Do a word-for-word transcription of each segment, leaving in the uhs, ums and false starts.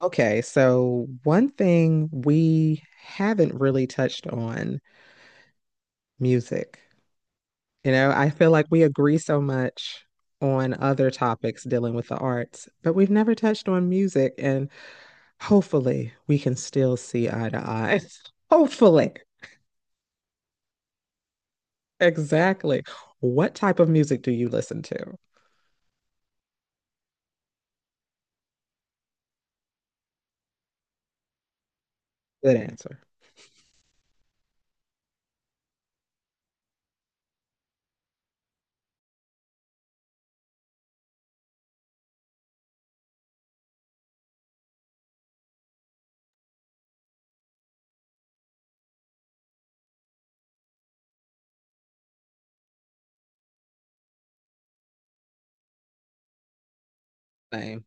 Okay, so one thing we haven't really touched on music. You know, I feel like we agree so much on other topics dealing with the arts, but we've never touched on music, and hopefully we can still see eye to eye. Hopefully. Exactly. What type of music do you listen to? Good answer. Same.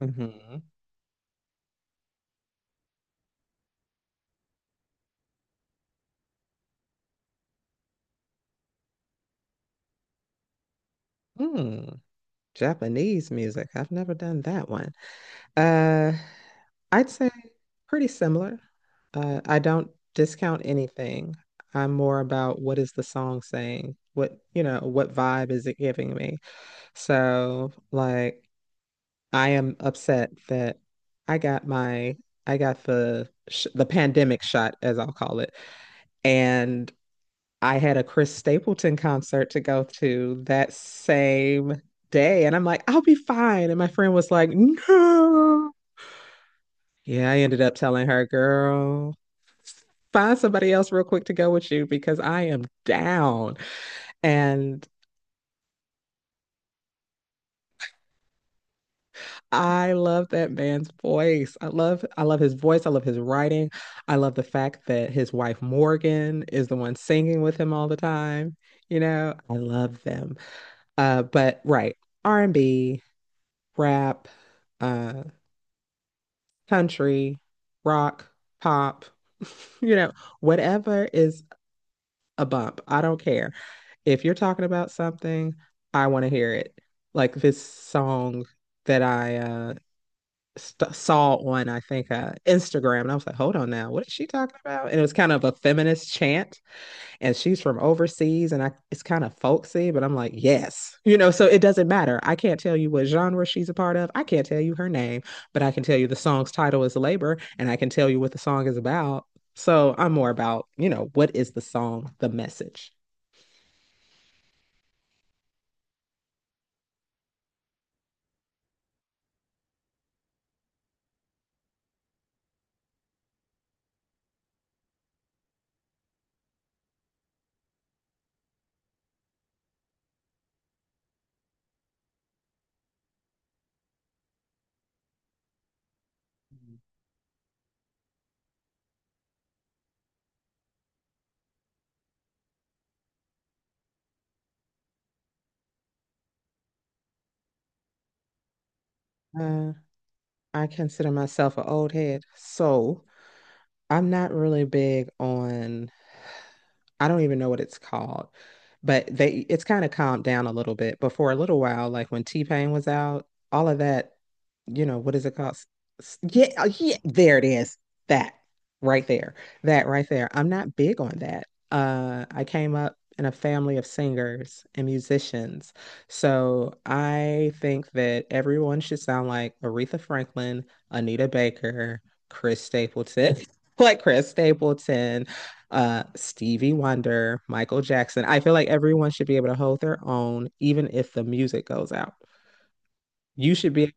Hmm. Hmm. Japanese music. I've never done that one. Uh I'd say pretty similar. Uh, I don't discount anything. I'm more about what is the song saying? What, you know, what vibe is it giving me? So, like, I am upset that I got my, I got the sh the pandemic shot, as I'll call it, and I had a Chris Stapleton concert to go to that same day, and I'm like, I'll be fine. And my friend was like, no. Yeah, I ended up telling her, girl. Find somebody else real quick to go with you because I am down. And I love that man's voice. I love I love his voice. I love his writing. I love the fact that his wife Morgan is the one singing with him all the time. You know, I love them. Uh, but right, R and B, rap, uh, country, rock, pop, you know, whatever is a bump. I don't care. If you're talking about something, I want to hear it. Like this song that I uh st saw on I think uh Instagram and I was like, "Hold on now. What is she talking about?" And it was kind of a feminist chant and she's from overseas and I it's kind of folksy, but I'm like, "Yes." You know, so it doesn't matter. I can't tell you what genre she's a part of. I can't tell you her name, but I can tell you the song's title is Labor and I can tell you what the song is about. So I'm more about, you know, what is the song, the message? Mhm. Uh, I consider myself an old head, so I'm not really big on. I don't even know what it's called, but they it's kind of calmed down a little bit. But for a little while, like when T-Pain was out, all of that, you know, what is it called? S- s- Yeah, uh, yeah, there it is. That right there. That right there. I'm not big on that. Uh, I came up in a family of singers and musicians. So I think that everyone should sound like Aretha Franklin, Anita Baker, Chris Stapleton, like Chris Stapleton uh Stevie Wonder, Michael Jackson. I feel like everyone should be able to hold their own, even if the music goes out. You should be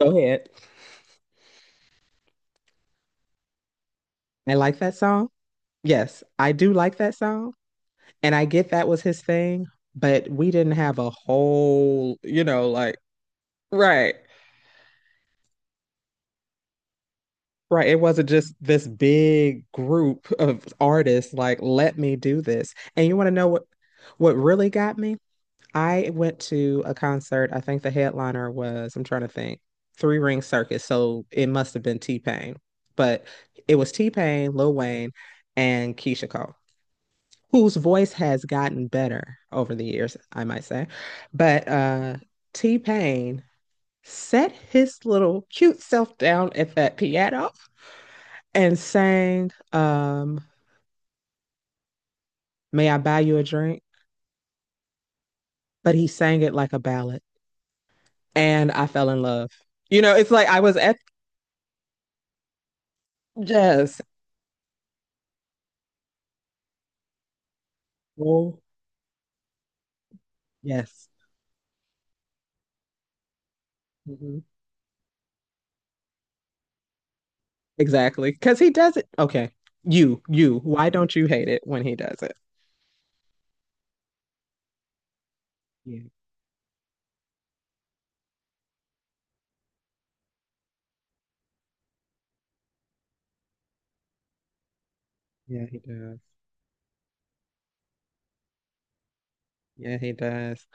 go ahead. I like that song. Yes, I do like that song. And I get that was his thing, but we didn't have a whole, you know, like right. Right. It wasn't just this big group of artists like, let me do this. And you want to know what what really got me? I went to a concert. I think the headliner was, I'm trying to think, Three Ring Circus. So it must have been T-Pain. But it was T-Pain, Lil Wayne, and Keisha Cole, whose voice has gotten better over the years, I might say. But uh T-Pain set his little cute self down at that piano and sang um May I Buy You a Drink? But he sang it like a ballad. And I fell in love. You know, it's like I was at yes, oh, yes. Hmm. Exactly. Because he does it. Okay. You, you. Why don't you hate it when he does it? Yeah, yeah, he does. Yeah, he does.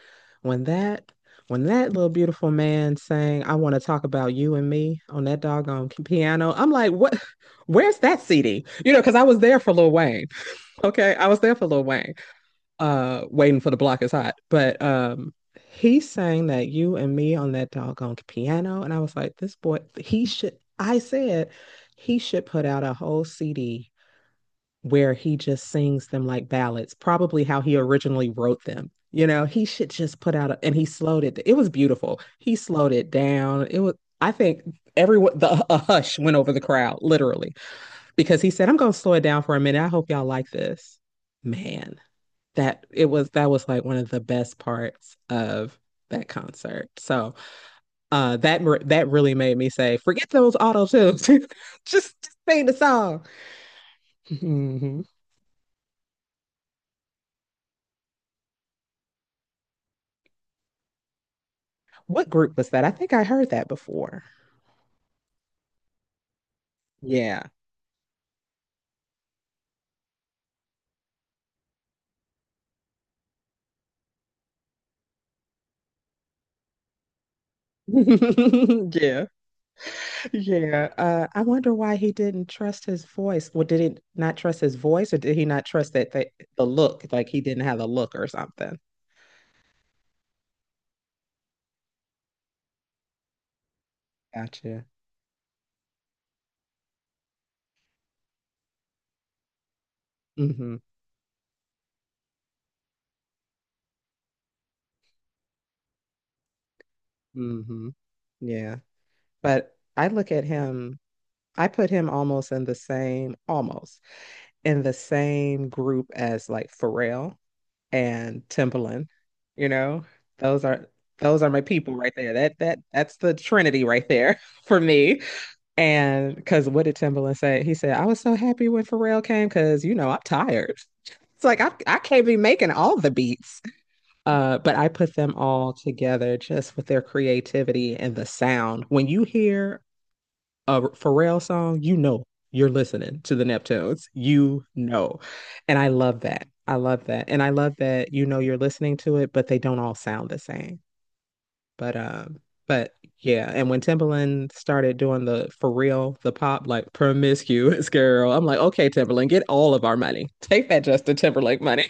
When that, when that little beautiful man sang, I want to talk about you and me on that doggone k- piano, I'm like, what? Where's that C D? You know, because I was there for Lil Wayne. Okay. I was there for Lil Wayne. Uh waiting for the block is hot. But um he sang that you and me on that doggone piano. And I was like, this boy, he should I said he should put out a whole C D where he just sings them like ballads, probably how he originally wrote them. You know, he should just put out a, and he slowed it. It was beautiful. He slowed it down. It was I think everyone the a hush went over the crowd, literally, because he said, I'm gonna slow it down for a minute. I hope y'all like this. Man, that it was that was like one of the best parts of that concert. So uh, that that really made me say, forget those auto tunes, just, just sing the song. Mhm. What group was that? I think I heard that before. Yeah. Yeah. Yeah. Uh, I wonder why he didn't trust his voice. Well, did he not trust his voice, or did he not trust that the, the look? Like he didn't have a look or something. Gotcha. Mm-hmm. Mm-hmm. Yeah. But I look at him I put him almost in the same, almost in the same group as like Pharrell and Timbaland. You know, those are those are my people right there. That that that's the trinity right there for me. And because what did Timbaland say? He said, "I was so happy when Pharrell came because you know I'm tired." It's like I I can't be making all the beats. Uh, but I put them all together just with their creativity and the sound. When you hear a Pharrell song, you know you're listening to the Neptunes. You know. And I love that. I love that. And I love that you know you're listening to it, but they don't all sound the same. But um, but yeah. And when Timbaland started doing the for real, the pop, like promiscuous girl, I'm like, okay, Timbaland, get all of our money. Take that Justin Timberlake money.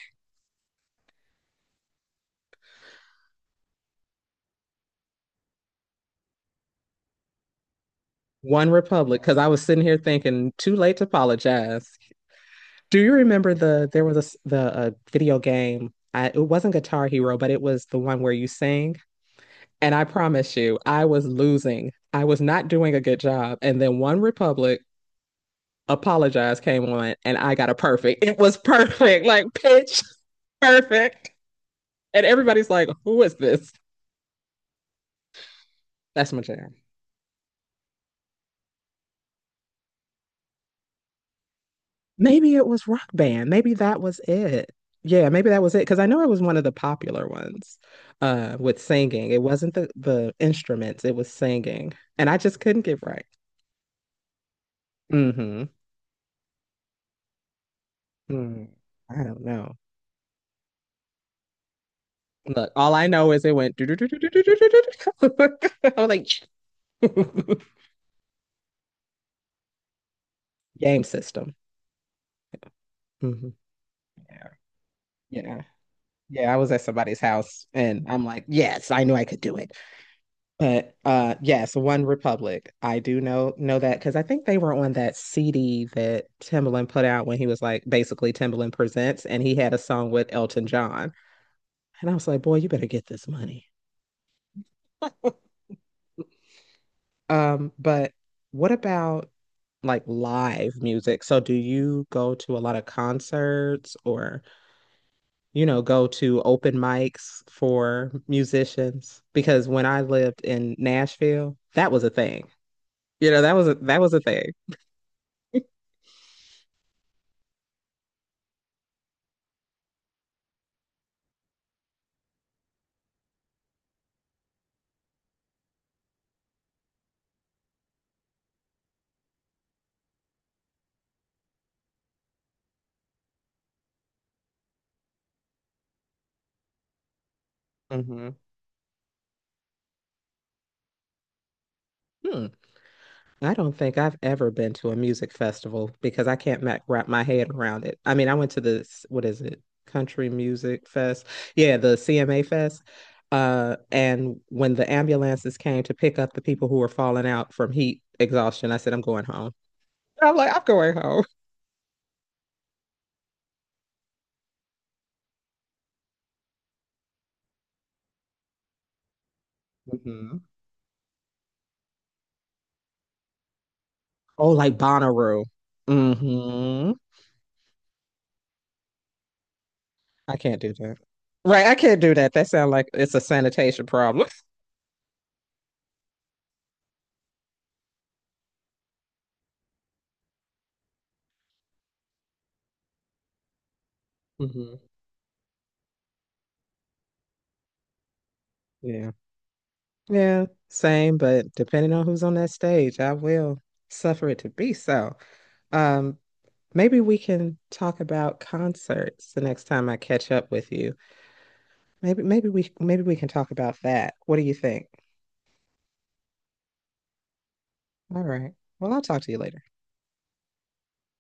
One Republic, because I was sitting here thinking, too late to apologize. Do you remember the there was a s- the uh, video game? I, it wasn't Guitar Hero, but it was the one where you sing. And I promise you, I was losing. I was not doing a good job. And then One Republic Apologize came on, and I got a perfect. It was perfect, like pitch perfect. And everybody's like, "Who is this?" That's my jam. Maybe it was Rock Band. Maybe that was it. Yeah, maybe that was it. Because I know it was one of the popular ones uh, with singing. It wasn't the, the instruments, it was singing. And I just couldn't get right. Hmm. Mm. I don't know. Look, all I know is it went do do do do do do do do. Do. I was like, game system. Hmm. Yeah, yeah, yeah. I was at somebody's house, and I'm like, yes, I knew I could do but uh yes, One Republic. I do know know that because I think they were on that C D that Timbaland put out when he was like basically Timbaland Presents and he had a song with Elton John. And I was like, boy, you better get this money. Um, but what about like live music? So do you go to a lot of concerts or, you know, go to open mics for musicians? Because when I lived in Nashville, that was a thing. You know, that was a that was a thing. Mhm. Hmm. I don't think I've ever been to a music festival because I can't ma wrap my head around it. I mean, I went to this, what is it? Country Music Fest. Yeah, the C M A Fest. Uh, and when the ambulances came to pick up the people who were falling out from heat exhaustion, I said, I'm going home. I'm like, I'm going home. Mhm. Oh, like Bonnaroo. Hmm. I can't do that. Right, I can't do that. That sounds like it's a sanitation problem. Hmm. Yeah. Yeah, same, but depending on who's on that stage, I will suffer it to be so. Um, maybe we can talk about concerts the next time I catch up with you. Maybe maybe we maybe we can talk about that. What do you think? All right. Well, I'll talk to you later.